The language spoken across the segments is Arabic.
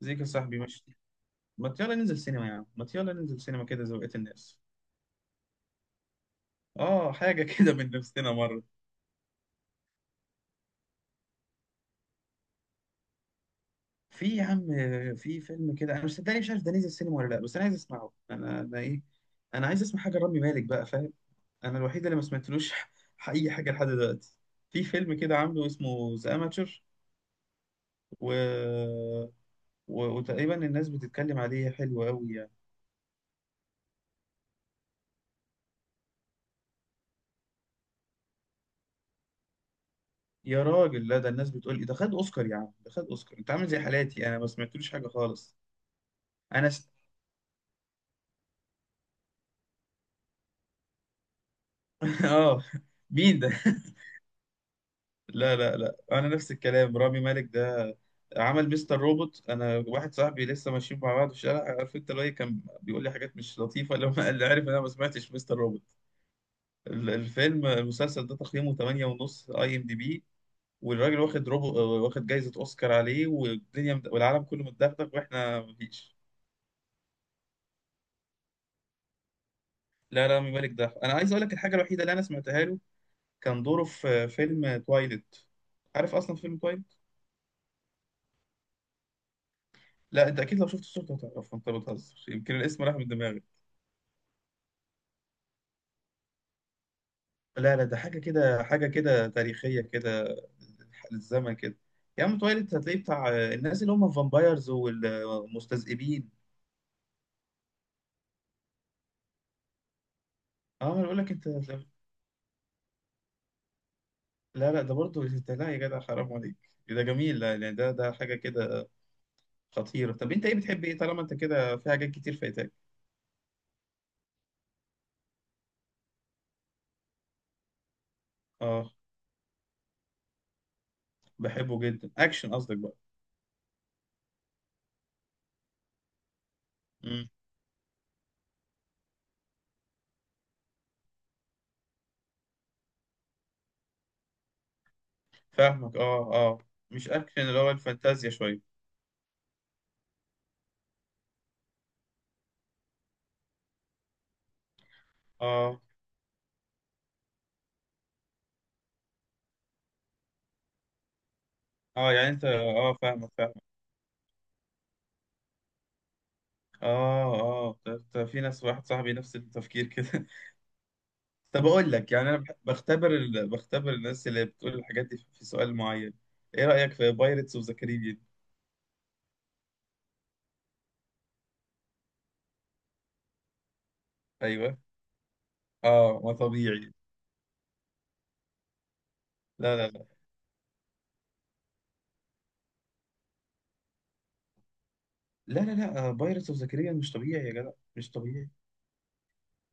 زيك يا صاحبي ماشي. ما يلا ننزل سينما يا عم، ما يلا ننزل سينما كده زي بقية الناس. اه حاجة كده من نفسنا مرة. في يا عم، في فيلم كده انا مش صدقني مش عارف ده نزل سينما ولا لا، بس انا عايز اسمعه. انا ايه، انا عايز اسمع حاجة رامي مالك بقى فاهم. انا الوحيد اللي ما سمعتلوش اي حاجة لحد دلوقتي. في فيلم كده عامله اسمه ذا اماتشر و... وتقريبا الناس بتتكلم عليه حلو قوي يعني. يا راجل لا، ده الناس بتقول ايه؟ ده خد اوسكار يا عم، ده خد اوسكار. انت عامل زي حالاتي انا ما سمعتلوش حاجة خالص. انا اه، مين ده؟ لا انا نفس الكلام. رامي مالك ده عمل مستر روبوت. انا واحد صاحبي لسه ماشيين مع بعض في الشارع، عارف انت اللي هو إيه، كان بيقول لي حاجات مش لطيفه لما اللي عارف إن انا ما سمعتش مستر روبوت. الفيلم المسلسل ده تقييمه 8 ونص اي ام دي بي. والراجل واخد واخد جايزه اوسكار عليه، والدنيا والعالم كله متدغدغ واحنا مفيش. لا لا، رامي مالك ده انا عايز اقول لك الحاجه الوحيده اللي انا سمعتها له. كان دوره في فيلم تويلت. عارف اصلا فيلم. لا انت اكيد لو شفت الصورة هتعرف، انت بتهزر، يمكن الاسم راح من دماغي. لا لا ده حاجة كده، حاجة كده تاريخية كده، للزمن كده. يا عم تويلايت هتلاقيه بتاع الناس اللي هم الفامبايرز والمستذئبين. اه انا بقول لك انت. لا لا ده برضه انت، لا يا جدع حرام عليك ده جميل. لا يعني ده حاجة كده خطيرة. طب انت ايه بتحب ايه طالما انت كده، في حاجات كتير فايتاك. اه بحبه جدا، اكشن قصدك بقى. امم فاهمك، اه اه، مش اكشن اللي هو الفانتازيا شوية. اه اه يعني انت اه، فاهمك. اه اه طب في ناس واحد صاحبي نفس التفكير كده طب اقول لك يعني انا بختبر بختبر الناس اللي بتقول الحاجات دي في سؤال معين. ايه رأيك في بايرتس اوف ذا كاريبيان؟ ايوه اه، ما طبيعي. لا لا لا، لا لا لا، بايرتس اوف ذا كاريبيان مش طبيعي يا جدع، مش طبيعي.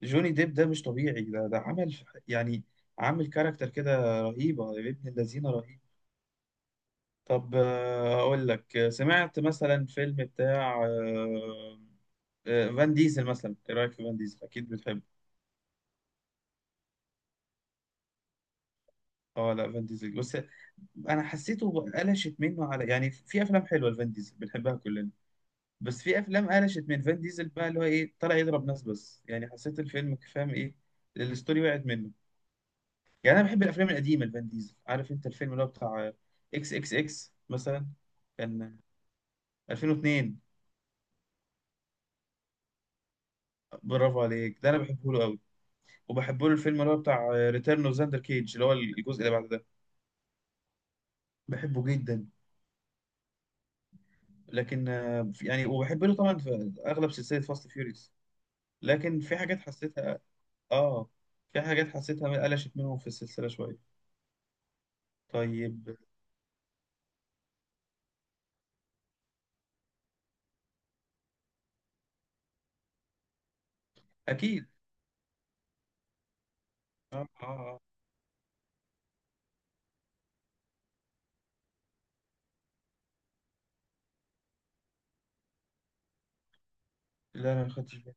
جوني ديب ده مش طبيعي، ده عمل يعني عامل كاركتر كده رهيبة يا ابن الذين، رهيب. طب أقول لك سمعت مثلا فيلم بتاع فان ديزل مثلا. إيه رأيك في فان ديزل؟ أكيد بتحبه. أه لا فان ديزل بس، أنا حسيته قلشت منه على، يعني في أفلام حلوة لفان ديزل بنحبها كلنا، بس في أفلام قلشت من فان ديزل بقى اللي هو إيه، طلع يضرب ناس بس، يعني حسيت الفيلم فاهم إيه، الستوري وقعت منه. يعني أنا بحب الأفلام القديمة لفان ديزل. عارف أنت الفيلم اللي هو بتاع إكس إكس إكس مثلا، كان 2002. برافو عليك، ده أنا بحبه له. وبحب له الفيلم اللي هو بتاع ريتيرن اوف زاندر كيج اللي هو الجزء اللي بعد ده، بحبه جدا. لكن يعني وبحب له طبعا في اغلب سلسله فاست فيوريوس. لكن في حاجات حسيتها اه، في حاجات حسيتها قلشت منهم في السلسله شويه. طيب اكيد. اه اه آه. لا انا ما خدتش بالي.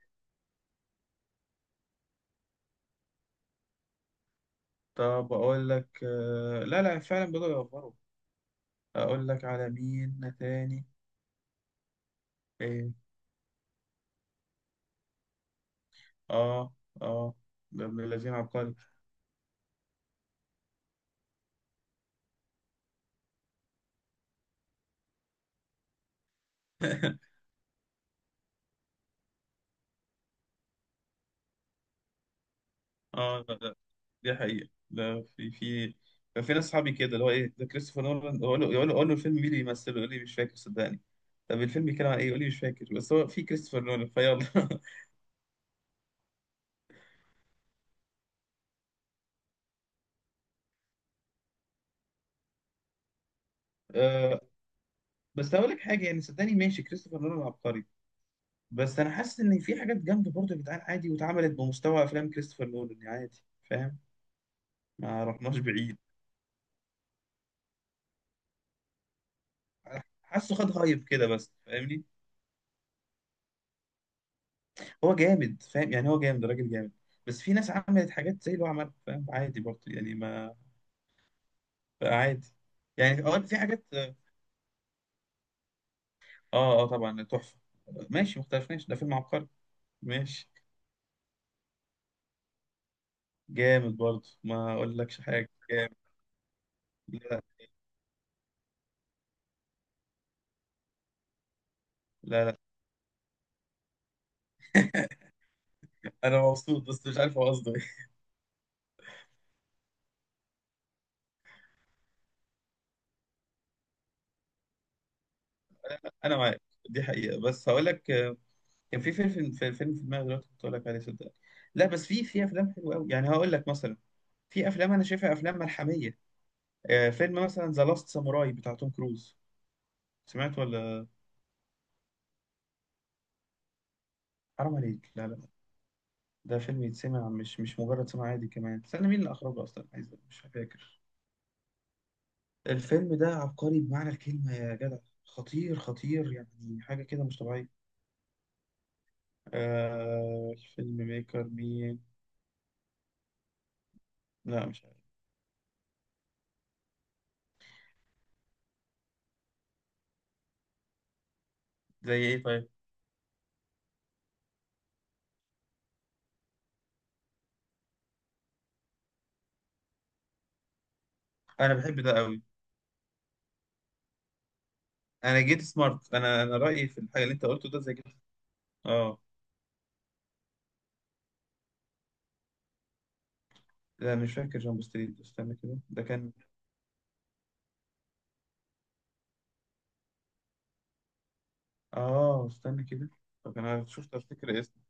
طب اقول لك آه، لا لا فعلا بدأوا يوفروا. اقول لك على مين تاني. ايه. اه اه. ده ابن الذين عبقري. اه دي حقيقة، لا في كان في ناس صحابي كده اللي هو ايه ده كريستوفر نولان، اقول له يقول له، أقول له الفيلم مين اللي يمثله؟ يقول لي مش فاكر صدقني. طب الفيلم بيتكلم عن ايه؟ يقول لي مش فاكر، بس هو في كريستوفر نولان فيلا آه، بس هقول لك حاجة، يعني صدقني ماشي كريستوفر نولان عبقري، بس انا حاسس ان في حاجات جامدة برضه يا جدعان، عادي واتعملت بمستوى افلام كريستوفر نولان، يعني عادي فاهم. ما رحناش بعيد. حاسه خد هايب كده بس فاهمني. هو جامد فاهم، يعني هو جامد، راجل جامد. بس في ناس عملت حاجات زي اللي هو عملها فاهم، عادي برضه يعني ما، عادي. يعني اه في حاجات اه. اه طبعا تحفه، ماشي مختلفناش ده فيلم عبقري. ماشي جامد برضه ما اقولكش حاجه، جامد. لا لا لا. انا مبسوط بس مش عارف هو قصده ايه. انا معاك، دي حقيقه. بس هقول لك كان في فيلم في دماغي دلوقتي كنت هقول لك عليه صدقني. لا بس في افلام حلوه قوي، يعني هقول لك مثلا، في افلام انا شايفها افلام ملحميه. فيلم مثلا ذا لاست ساموراي بتاع توم كروز، سمعت ولا؟ حرام عليك، لا لا ده فيلم يتسمع، مش مش مجرد سمع عادي. كمان استنى مين اللي اخرجه اصلا، عايز مش فاكر. الفيلم ده عبقري بمعنى الكلمة يا جدع. خطير خطير، يعني حاجة كده مش طبيعية. آه الفيلم ميكر مين؟ لا مش عارف. زي ايه طيب؟ انا بحب ده قوي. انا جيت سمارت، انا رأيي في الحاجة اللي انت قلته ده زي كده. اه لا مش فاكر جامب ستريت، استنى كده ده كان. اه استنى كده. طب انا شفت افتكر اسمه.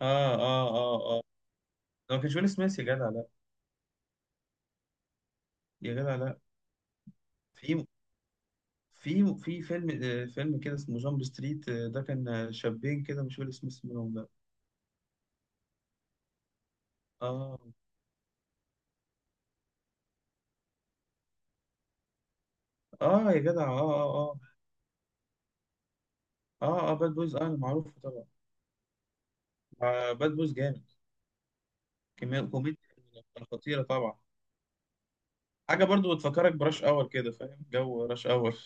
اه اه اه اه. ده ما كانش ويل سميث يا جدع لا. يا جدع لا. في في فيلم فيلم كده اسمه جامب ستريت، ده كان شابين كده مش فاكر اسم اسمهم ده. اه اه يا جدع اه اه اه اه. اه باد بويز، اه معروف طبعا. آه باد بويز جامد، كمية كوميديا، خطيرة طبعا. حاجة برضو بتفكرك براش اور كده، فاهم جو راش اور؟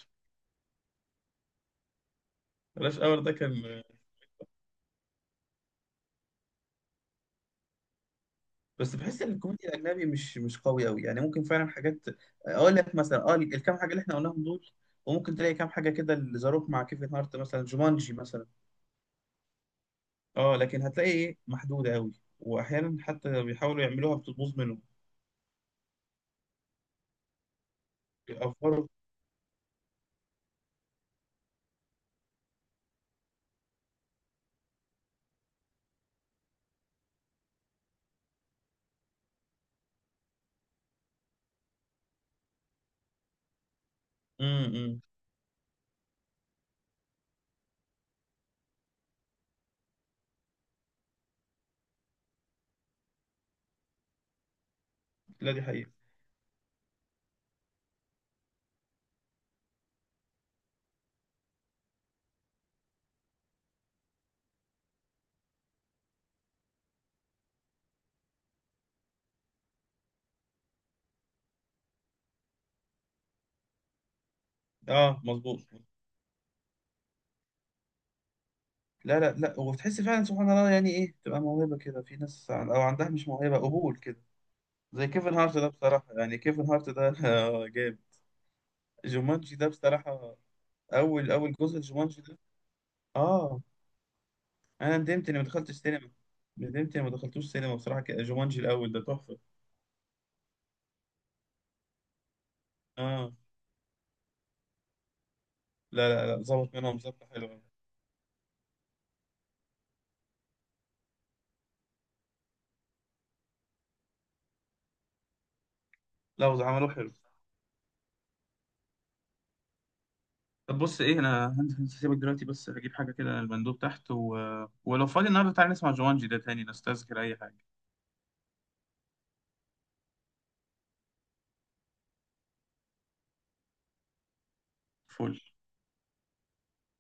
راش اور ده كان. بس بحس ان الكوميديا الاجنبي مش مش قوي قوي، يعني ممكن فعلا حاجات، اقول لك مثلا اه الكام حاجة اللي احنا قلناهم دول، وممكن تلاقي كام حاجة كده اللي زاروك مع كيفن هارت مثلا، جومانجي مثلا، اه لكن هتلاقي ايه محدودة قوي. واحيانا حتى بيحاولوا يعملوها بتبوظ منهم، بيأفروا. امم إمم. لا دي حقيقة. اه مظبوط. لا لا لا، وبتحس فعلا سبحان الله يعني ايه تبقى موهبة كده، في ناس او عندها مش موهبة قبول كده. زي كيفن هارت ده بصراحة، يعني كيفن هارت ده جامد. جومانجي ده بصراحة، اول جزء جومانجي ده. اه انا ندمت اني ما دخلتش سينما. ندمت اني ما دخلتوش سينما بصراحة، جومانجي الاول ده تحفة. اه لا لا لا ظبط منهم ظبطة حلوة. لا وعملوه حلو. طب بص ايه، انا هنزل سيبك دلوقتي بس هجيب حاجه كده من المندوب تحت ولو فاضي النهارده تعالى نسمع جوانجي ده تاني، نستذكر اي حاجه. فل.